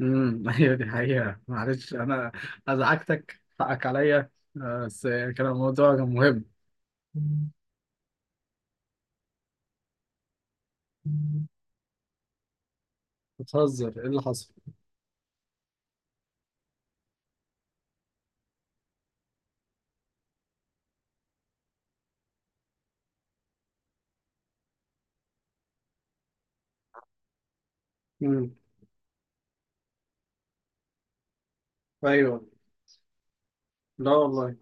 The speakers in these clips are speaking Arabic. ايوه دي حقيقة. معلش انا ازعجتك، حقك عليا. آه، بس يعني كان الموضوع مهم. بتهزر، ايه اللي حصل؟ امم ايوه. لا والله.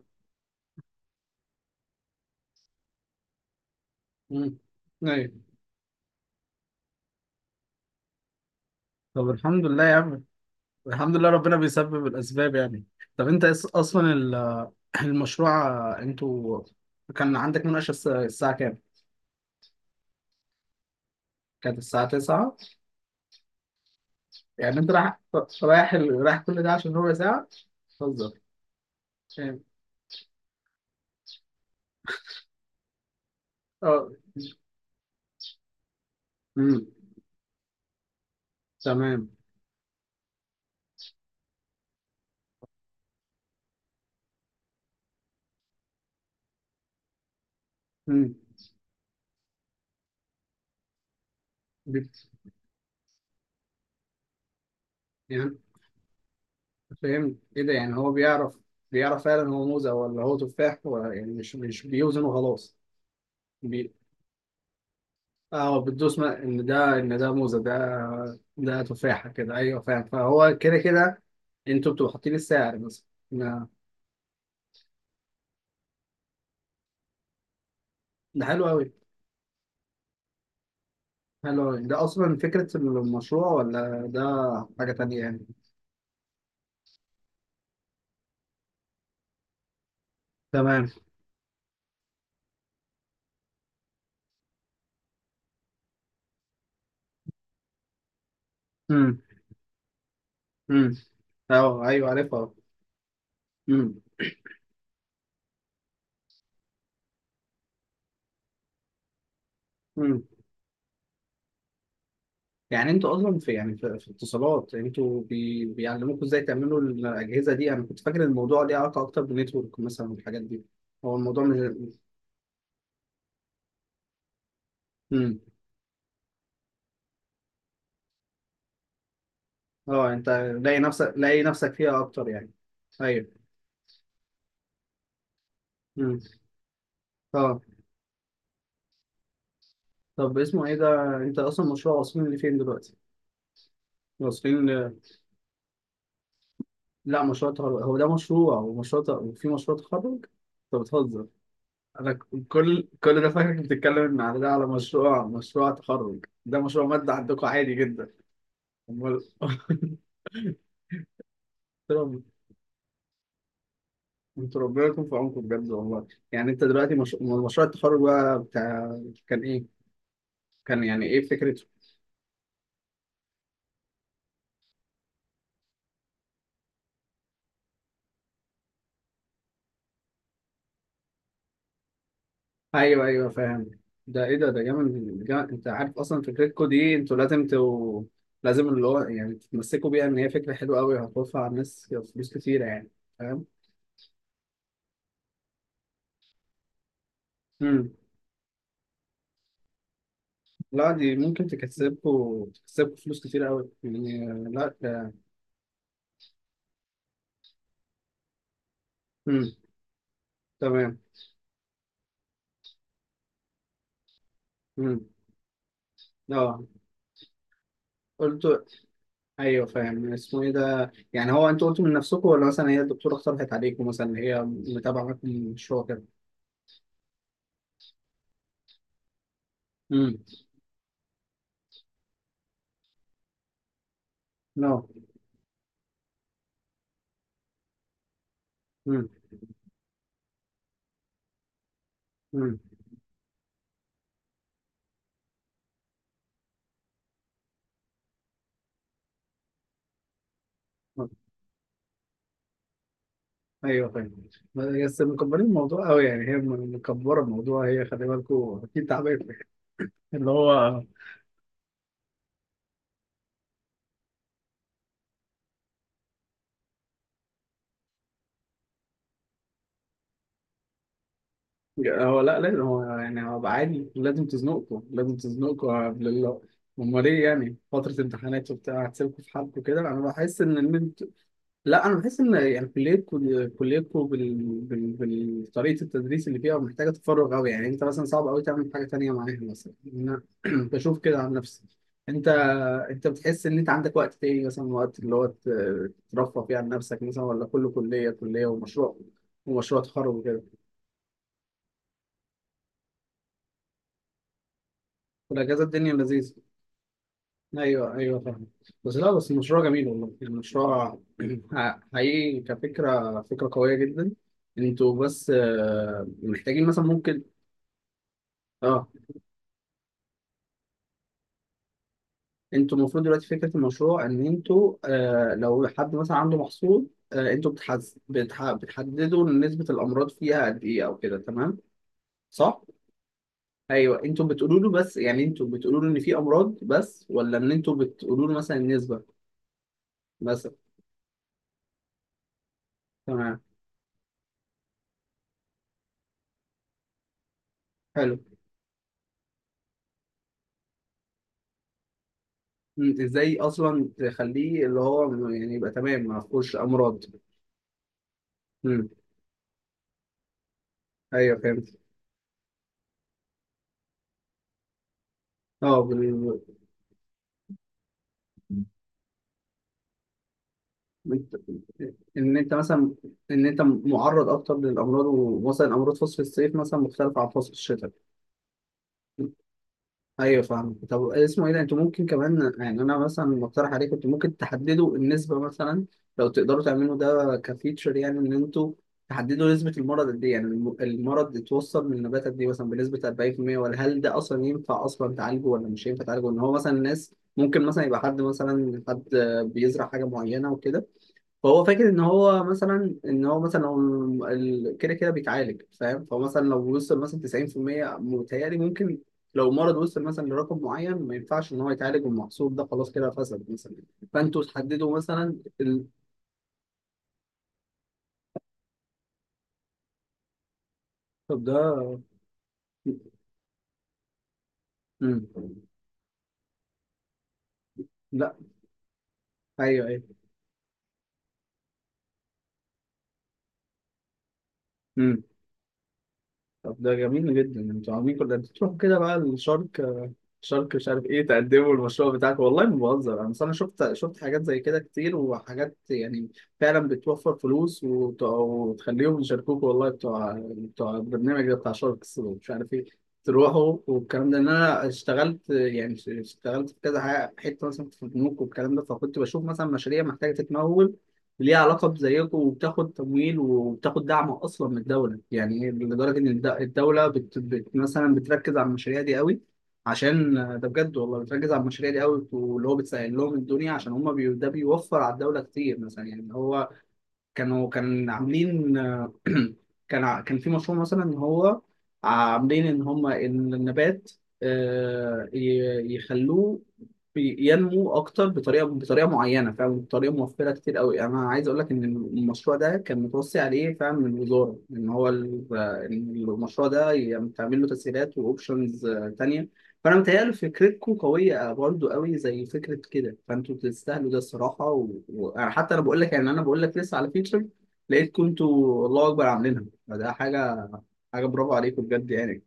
امم ايوه. طب الحمد لله يا عم. الحمد لله، ربنا بيسبب الاسباب يعني. طب انت المشروع، آه، انتوا كان عندك مناقشة الساعة كام؟ كانت الساعة 9. يعني انت رايح كل ده عشان ربع ساعة؟ بتهزر. فاهم. اه. امم تمام. مم. بت... يعني فهمت ايه ده. يعني هو بيعرف، بيعرف فعلا هو موزة ولا هو تفاح، ولا يعني مش بيوزن وخلاص. بي... اه هو بتدوس ما... ان ده ان ده موزة، ده ده تفاحة كده، ايوه فاهم، فهو كده كده. انتوا بتبقوا حاطين السعر مثلا. ما- ده حلو قوي. حلو قوي ده، اصلا فكرة المشروع ولا ده حاجة تانية يعني؟ تمام. امم. امم. اه ايوه عارفها. امم. يعني انتوا اصلا في يعني في اتصالات، انتوا بيعلموكوا ازاي تعملوا الاجهزه دي؟ انا كنت فاكر الموضوع ليه علاقه اكتر بالنتورك مثلا والحاجات دي. هو الموضوع مش. امم. اه انت. لاقي نفسك فيها اكتر يعني. ايوه. امم. اه. طب اسمه ايه ده، انت اصلا مشروع واصلين لفين دلوقتي؟ واصلين ل... لا مشروع تخرج، هو ده مشروع ومشروع ت... وفي مشروع تخرج؟ انت بتهزر. انا ك- كل ده فاكرك بتتكلم ان على ده على مشروع، مشروع تخرج، ده مشروع مادة عندكم عادي جدا. امال قلت لهم. انتوا ربنا يكون في عونكم بجد والله. يعني انت دلوقتي مش... أمال مشروع التخرج بقى بتاع كان ايه؟ كان يعني ايه فكرته؟ ايوه ايوه فاهم. ده ايه ده، ده جامد انت عارف. اصلا فكرتكم دي انتوا لازم تو... لازم اللي هو يعني تتمسكوا بيها، ان هي فكره حلوه قوي، هتوفر على الناس فلوس كتيره يعني، فاهم؟ امم. لا دي ممكن تكسبكوا، تكسبكوا فلوس كتيره قوي يعني، لا ده... امم. تمام. امم. اه. قلت. ايوه فاهم. اسمه ايه ده يعني، هو انتوا قلتوا من نفسكم، ولا مثلا هي الدكتوره اقترحت عليكم مثلا، اللي هي متابعه معاكم المشروع كده؟ امم. لا. امم. امم. ايوه فاهم. بس مكبرين الموضوع قوي يعني، مكبره الموضوع هي، خلي بالكم اكيد تعبانه اللي هو. هو لا لازم، هو يعني هو بقى عادي لازم تزنقكم، لازم تزنقكم قبل الله. امال ايه يعني، فتره امتحانات وبتاع هتسيبكم في حالكم كده؟ انا بحس ان. لا انا بحس ان يعني كليتكم، كليتكم بال... بال... بالطريقه التدريس اللي فيها محتاجه تفرغ قوي يعني. انت مثلا صعب قوي تعمل حاجه تانية معاها مثلا. انا بشوف كده عن نفسي. انت، انت بتحس ان انت عندك وقت تاني مثلا، وقت اللي هو ترفه فيه عن نفسك مثلا، ولا كله كليه، كليه ومشروع، ومشروع تخرج وكده؟ والاجازه الدنيا لذيذه. ايوه ايوه فاهم. بس لا بس المشروع جميل والله يعني، المشروع حقيقي كفكره، فكره قويه جدا. انتوا بس آه، محتاجين مثلا ممكن. اه انتوا المفروض دلوقتي فكره المشروع ان انتوا آه، لو حد مثلا عنده محصول، آه انتوا بتحز... بتح... بتحددوا نسبه الامراض فيها قد ايه او كده، تمام؟ صح. ايوه انتوا بتقولوا له، بس يعني انتوا بتقولوا له ان في امراض بس، ولا ان انتوا بتقولوا له مثلا النسبه مثلا؟ تمام. حلو. مم، ازاي اصلا تخليه اللي هو يعني يبقى تمام ما فيهوش امراض. امم. ايوه فهمت. اه بت... ان انت مثلا ان انت معرض اكتر للامراض، ومثلا امراض فصل الصيف مثلا مختلفه عن فصل الشتاء. ايوه فاهم. طب اسمه ايه ده، انتوا ممكن كمان يعني انا مثلا مقترح عليكم، انتوا ممكن تحددوا النسبه مثلا، لو تقدروا تعملوا ده كفيتشر يعني، ان انتوا تحددوا نسبه المرض قد ايه، يعني المرض اتوصل من النباتات دي مثلا بنسبه 40%، ولا هل ده اصلا ينفع اصلا تعالجه ولا مش ينفع تعالجه؟ ان هو مثلا الناس ممكن مثلا يبقى حد مثلا، حد بيزرع حاجه معينه وكده، فهو فاكر ان هو مثلا، ان هو مثلا لو كده كده بيتعالج، فاهم، فهو مثلا لو وصل مثلا 90%، متهيألي ممكن لو مرض وصل مثلا لرقم معين ما ينفعش ان هو يتعالج، والمحصول ده خلاص كده فسد مثلا. فانتوا تحددوا مثلا ال... طب ده. مم. لا. ايوه ايوه. مم. طب ده جميل جدا. انتوا عاملين كل ده بتروحوا كده بقى الشرق، شركة مش عارف ايه، تقدموا المشروع بتاعك. والله ما بهزر انا، أصل انا شفت، شفت حاجات زي كده كتير، وحاجات يعني فعلا بتوفر فلوس، وتخليهم يشاركوك والله، بتوع بتوع البرنامج ده بتاع شاركس ومش عارف ايه. تروحوا والكلام ده. ان انا اشتغلت يعني، اشتغلت في كذا حاجة، حته مثلا في البنوك والكلام ده، فكنت بشوف مثلا مشاريع محتاجه تتمول، ليها علاقه بزيكم، وبتاخد تمويل وبتاخد دعم اصلا من الدوله يعني، لدرجه ان الدوله بت... بت... مثلا بتركز على المشاريع دي قوي، عشان ده بجد والله بتركز على المشاريع دي قوي، واللي هو بتسهل لهم الدنيا، عشان هم بي... ده بيوفر على الدولة كتير مثلا يعني، اللي هو كانوا كان عاملين. كان في مشروع مثلا ان هو عاملين ان هم ان النبات آه، يخلوه ينمو اكتر بطريقه، بطريقه معينه، فاهم، بطريقه موفره كتير قوي. انا عايز اقول لك ان المشروع ده كان متوصي عليه فعلا من الوزاره، ان هو إن المشروع ده يعني تعمل له تسهيلات واوبشنز تانية. فانا متهيألي فكرتكم قويه برضو قوي زي فكره كده، فانتوا تستاهلوا ده الصراحه، و... و... أنا حتى، انا بقول لك يعني، انا بقول لك لسه على فيتشر لقيتكم انتوا الله اكبر عاملينها، فده حاجه، حاجه برافو عليكم بجد يعني.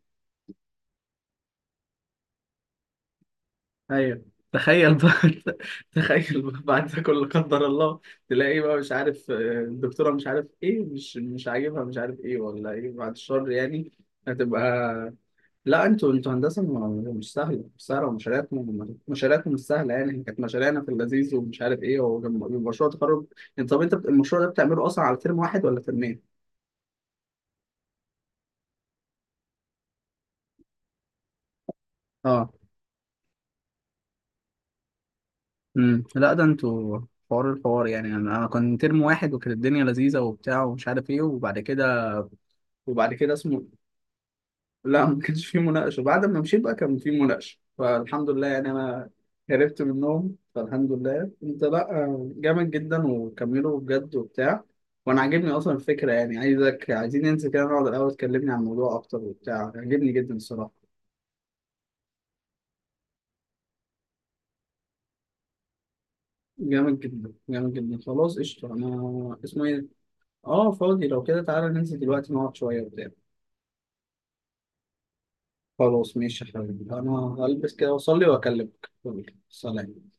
ايوه. تخيل بقى. تخيل بقى بعد ده كله قدر الله تلاقي بقى مش عارف آه، الدكتوره مش عارف ايه، مش عاجبها مش عارف ايه ولا ايه، بعد الشر يعني. هتبقى. لا انتوا، انتوا هندسه مش سهله، مش سهله، ومشاريعكم، مشاريعكم مش سهله يعني. إحنا كانت مشاريعنا في اللذيذ ومش عارف ايه ومشروع تخرج. انت طب انت المشروع ده بتعمله اصلا على ترم واحد ولا ترمين؟ اه. امم. لا ده انتوا حوار. الحوار يعني انا، انا كان ترم واحد وكانت الدنيا لذيذه وبتاع ومش عارف ايه، وبعد كده، وبعد كده اسمه. لا ما كانش في مناقشة، بعد ما مشيت بقى كان في مناقشة، فالحمد لله يعني. أنا هربت منهم فالحمد لله. أنت لأ جامد جدا، وكملوا بجد وبتاع. وأنا عاجبني أصلا الفكرة يعني، عايزك، عايزين ننزل كده نقعد الأول تكلمني عن الموضوع أكتر وبتاع، عاجبني جدا الصراحة. جامد جدا، جامد جدا، خلاص قشطة أنا. اسمه إيه؟ آه فاضي. لو كده تعالى ننزل دلوقتي نقعد شوية وبتاع. خلاص ماشي يا حبيبي، أنا هلبس كده وأصلي وأكلمك، يلا، سلام